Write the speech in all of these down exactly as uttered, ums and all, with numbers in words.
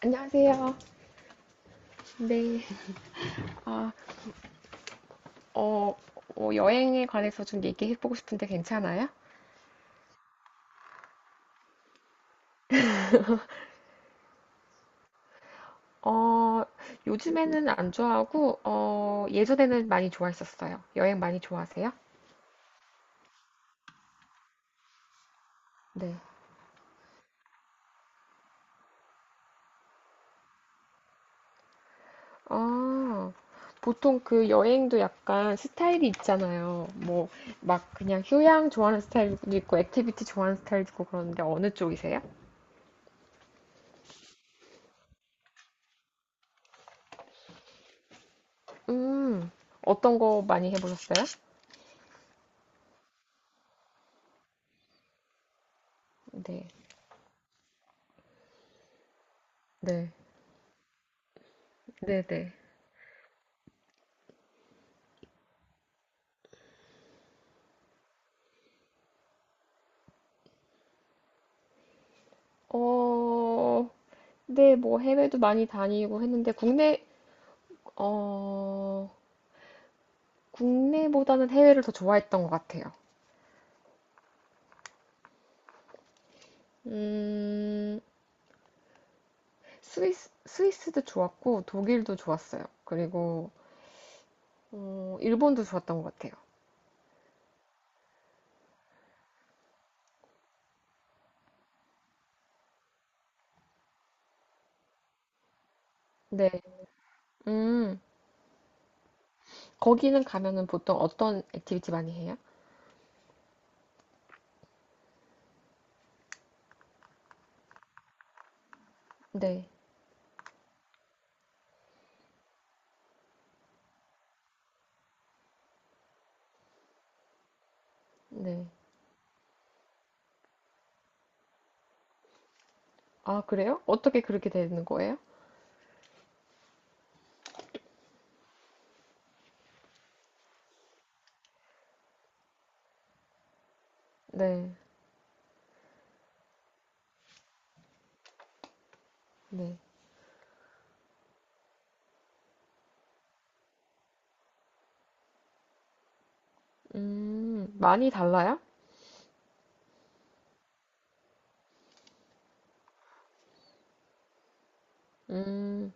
안녕하세요. 네. 아, 어, 어, 여행에 관해서 좀 얘기해보고 싶은데 괜찮아요? 어, 요즘에는 안 좋아하고, 어, 예전에는 많이 좋아했었어요. 여행 많이 좋아하세요? 네. 아, 보통 그 여행도 약간 스타일이 있잖아요. 뭐, 막 그냥 휴양 좋아하는 스타일도 있고, 액티비티 좋아하는 스타일도 있고 그러는데 어느 쪽이세요? 음, 어떤 거 많이 해보셨어요? 네. 네. 네네. 어, 네, 뭐 해외도 많이 다니고 했는데 국내 어 국내보다는 해외를 더 좋아했던 것 같아요. 음 스위스 스위스도 좋았고 독일도 좋았어요. 그리고 어, 일본도 좋았던 것 같아요. 네, 음 거기는 가면은 보통 어떤 액티비티 많이 해요? 네, 네. 아 그래요? 어떻게 그렇게 되는 거예요? 네, 네. 음 많이 달라요? 음,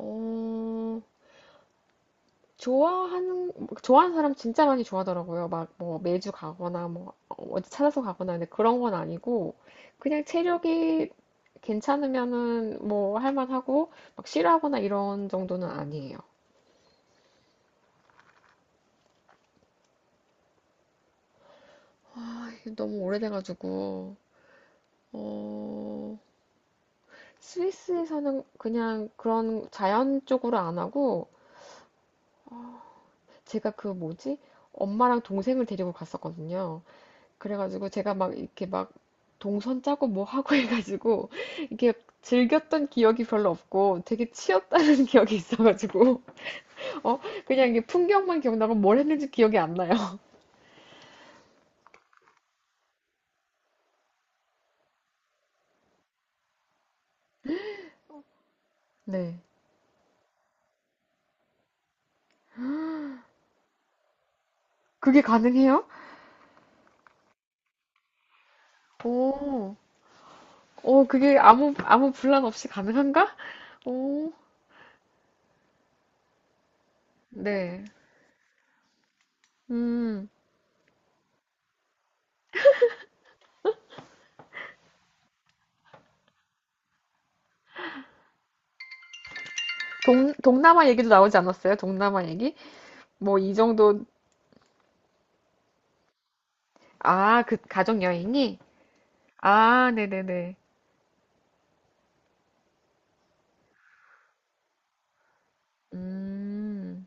어. 좋아하는 좋아하는 사람 진짜 많이 좋아하더라고요. 막 뭐 매주 가거나 뭐 어디 찾아서 가거나 근데 그런 건 아니고 그냥 체력이 괜찮으면은 뭐 할만하고 막 싫어하거나 이런 정도는 아니에요. 아, 이게 너무 오래돼가지고 어, 스위스에서는 그냥 그런 자연 쪽으로 안 하고 제가 그 뭐지 엄마랑 동생을 데리고 갔었거든요. 그래가지고 제가 막 이렇게 막 동선 짜고 뭐 하고 해가지고 이게 즐겼던 기억이 별로 없고 되게 치였다는 기억이 있어가지고 어 그냥 이게 풍경만 기억나고 뭘 했는지 기억이 안 나요. 네. 그게 가능해요? 오, 오, 그게 아무 아무 분란 없이 가능한가? 오, 네. 음, 동, 동남아 얘기도 나오지 않았어요? 동남아 얘기? 뭐 이 정도 아, 그 가족 여행이? 아, 네네네. 음,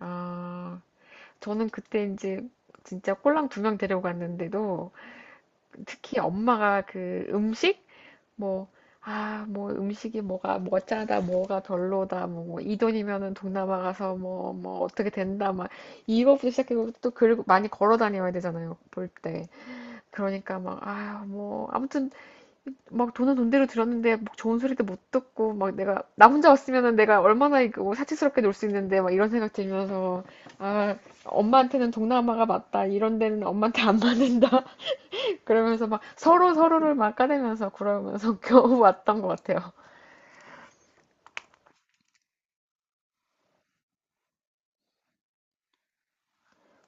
아, 저는 그때 이제 진짜 꼴랑 두 명 데려갔는데도 특히 엄마가 그 음식 뭐 아, 뭐 음식이 뭐가 뭐 짜다 뭐가 별로다 뭐, 이 돈이면은 동남아 가서 뭐 뭐 어떻게 된다 막 이거부터 시작해서 또고 많이 걸어 다녀야 되잖아요 볼 때 그러니까 막 아 뭐 아무튼 막 돈은 돈대로 들였는데 막 좋은 소리도 못 듣고 막 내가 나 혼자 왔으면은 내가 얼마나 이거 뭐 사치스럽게 놀 수 있는데 막 이런 생각 들면서 아 엄마한테는 동남아가 맞다 이런 데는 엄마한테 안 맞는다 그러면서 막 서로 서로를 막 까대면서 그러면서 겨우 왔던 것 같아요.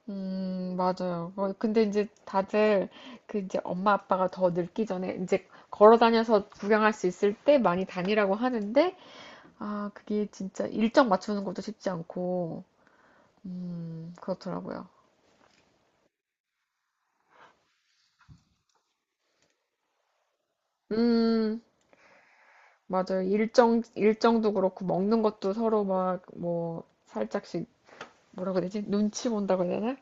음 맞아요. 어, 근데 이제 다들 그 이제 엄마 아빠가 더 늙기 전에 이제 걸어 다녀서 구경할 수 있을 때 많이 다니라고 하는데 아 그게 진짜 일정 맞추는 것도 쉽지 않고. 음, 그렇더라고요. 음, 맞아요. 일정, 일정도 그렇고, 먹는 것도 서로 막, 뭐, 살짝씩, 뭐라고 해야 되지? 눈치 본다고 해야 되나?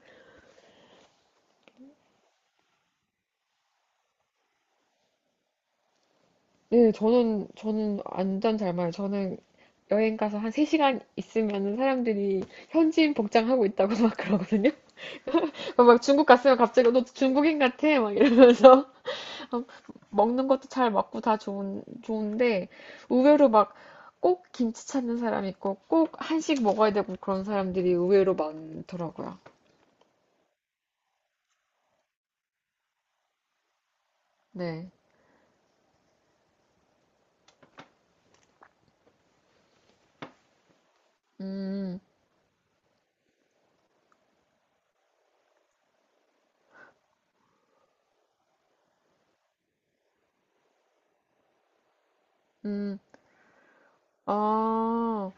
네, 저는, 저는 완전 잘 말해요. 저는 여행 가서 한 세 시간 있으면 사람들이 현지인 복장하고 있다고 막 그러거든요. 막 중국 갔으면 갑자기 너 중국인 같아? 막 이러면서. 어, 먹는 것도 잘 먹고 다 좋은, 좋은데, 의외로 막, 꼭 김치 찾는 사람 있고, 꼭 한식 먹어야 되고 그런 사람들이 의외로 많더라고요. 네. 음, 음. 아,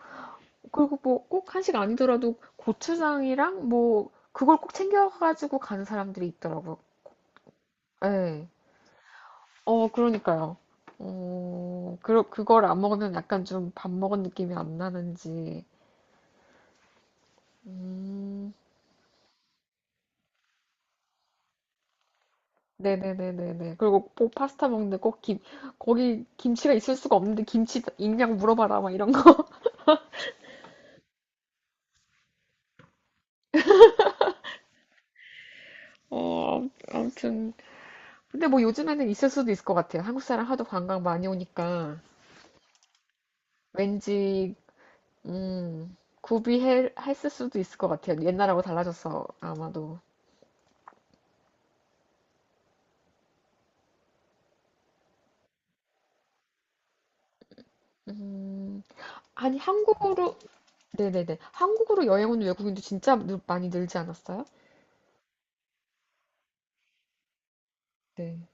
그리고 뭐, 꼭 한식 아니더라도 고추장이랑 뭐, 그걸 꼭 챙겨가지고 가는 사람들이 있더라고요. 네. 어, 그러니까요. 어, 그, 그걸 안 먹으면 약간 좀 밥 먹은 느낌이 안 나는지. 음. 네네네네네. 그리고 꼭 파스타 먹는데 꼭 김, 거기 김치가 있을 수가 없는데 김치 있냐고 물어봐라, 막 이런 거. 어, 아무튼. 근데 뭐 요즘에는 있을 수도 있을 것 같아요. 한국 사람 하도 관광 많이 오니까 왠지, 음, 구비했을 수도 있을 것 같아요. 옛날하고 달라져서 아마도. 음, 아니, 한국으로, 네네네. 한국으로 여행 온 외국인도 진짜 늘, 많이 늘지 않았어요? 네.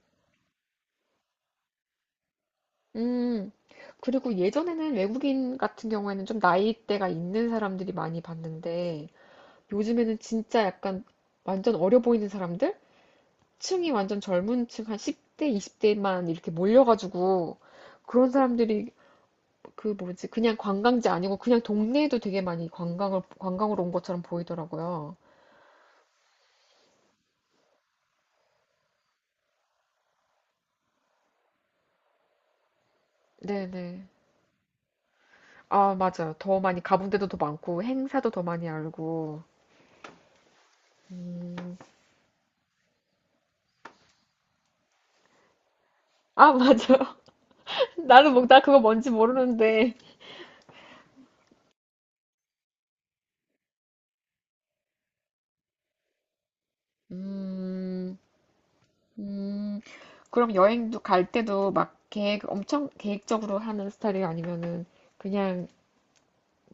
음, 그리고 예전에는 외국인 같은 경우에는 좀 나이대가 있는 사람들이 많이 봤는데, 요즘에는 진짜 약간 완전 어려 보이는 사람들? 층이 완전 젊은 층, 한 십 대, 이십 대만 이렇게 몰려가지고, 그런 사람들이 그 뭐지, 그냥 관광지 아니고 그냥 동네에도 되게 많이 관광을, 관광으로 온 것처럼 보이더라고요. 네네. 아, 맞아요. 더 많이 가본 데도 더 많고, 행사도 더 많이 알고. 음. 아, 맞아. 나는 뭐, 나 그거 뭔지 모르는데. 음, 음. 그럼 여행도 갈 때도 막 계획 엄청 계획적으로 하는 스타일이 아니면은 그냥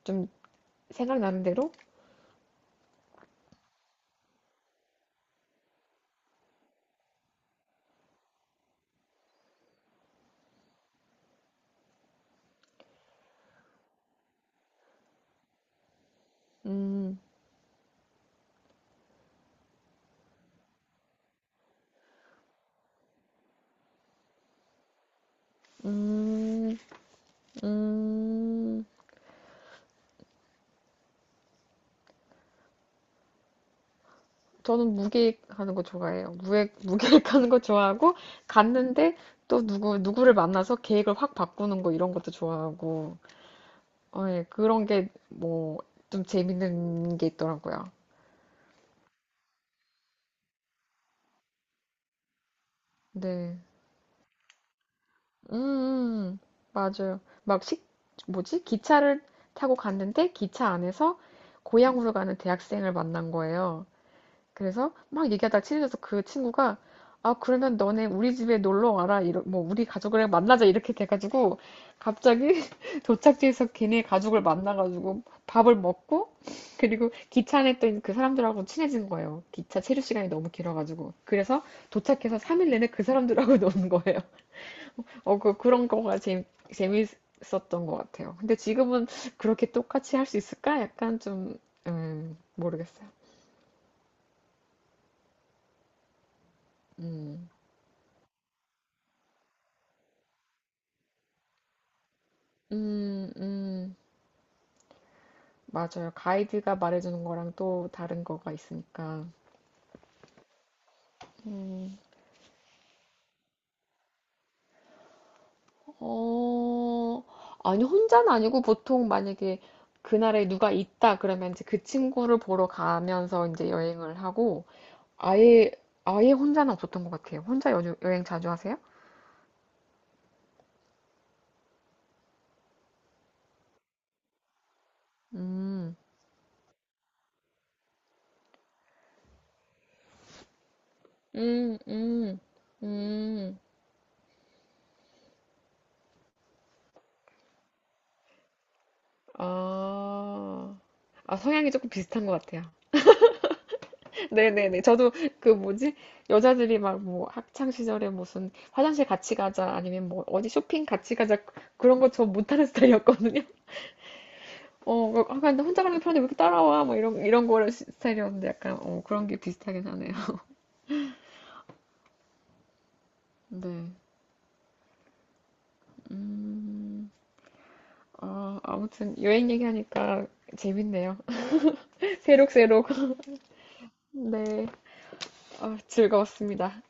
좀 생각나는 대로? 음, 음, 음. 저는 무계획하는 거 좋아해요. 무획, 무계획하는 거 좋아하고 갔는데 또 누구 누구를 만나서 계획을 확 바꾸는 거 이런 것도 좋아하고 어, 예, 그런 게 뭐 좀 재밌는 게 있더라고요. 네. 음, 음. 맞아요. 막 식, 뭐지? 기차를 타고 갔는데 기차 안에서 고향으로 가는 대학생을 만난 거예요. 그래서 막 얘기하다 친해져서 그 친구가 아, 그러면 너네 우리 집에 놀러 와라. 이러, 뭐, 우리 가족을 만나자. 이렇게 돼가지고 갑자기 도착지에서 걔네 가족을 만나가지고 밥을 먹고 그리고 기차 안에 있던 그 사람들하고 친해진 거예요. 기차 체류 시간이 너무 길어가지고. 그래서 도착해서 삼 일 내내 그 사람들하고 노는 거예요. 어, 그, 그런 거가 재, 재밌었던 것 같아요. 근데 지금은 그렇게 똑같이 할 수 있을까? 약간 좀, 음, 모르겠어요. 음, 음, 음, 맞아요. 가이드가 말해주는 거랑 또 다른 거가 있으니까. 음, 어, 아니, 혼자는 아니고 보통 만약에 그날에 누가 있다 그러면 이제 그 친구를 보러 가면서 이제 여행을 하고 아예, 아예 혼자는 없었던 것 같아요. 혼자 여, 여행 자주 하세요? 음. 음, 음, 음. 아, 아, 성향이 조금 비슷한 것 같아요. 네네네. 저도 그 뭐지? 여자들이 막 뭐 학창 시절에 무슨 화장실 같이 가자 아니면 뭐 어디 쇼핑 같이 가자 그런 거 저 못하는 스타일이었거든요. 어, 막, 아, 근데 혼자 가는 게 편한데 왜 이렇게 따라와? 뭐 이런, 이런 거를 시- 스타일이었는데 약간 어, 그런 게 비슷하긴 하네요. 네. 음, 아, 아무튼 여행 얘기하니까 재밌네요. 새록새록 아, 즐거웠습니다.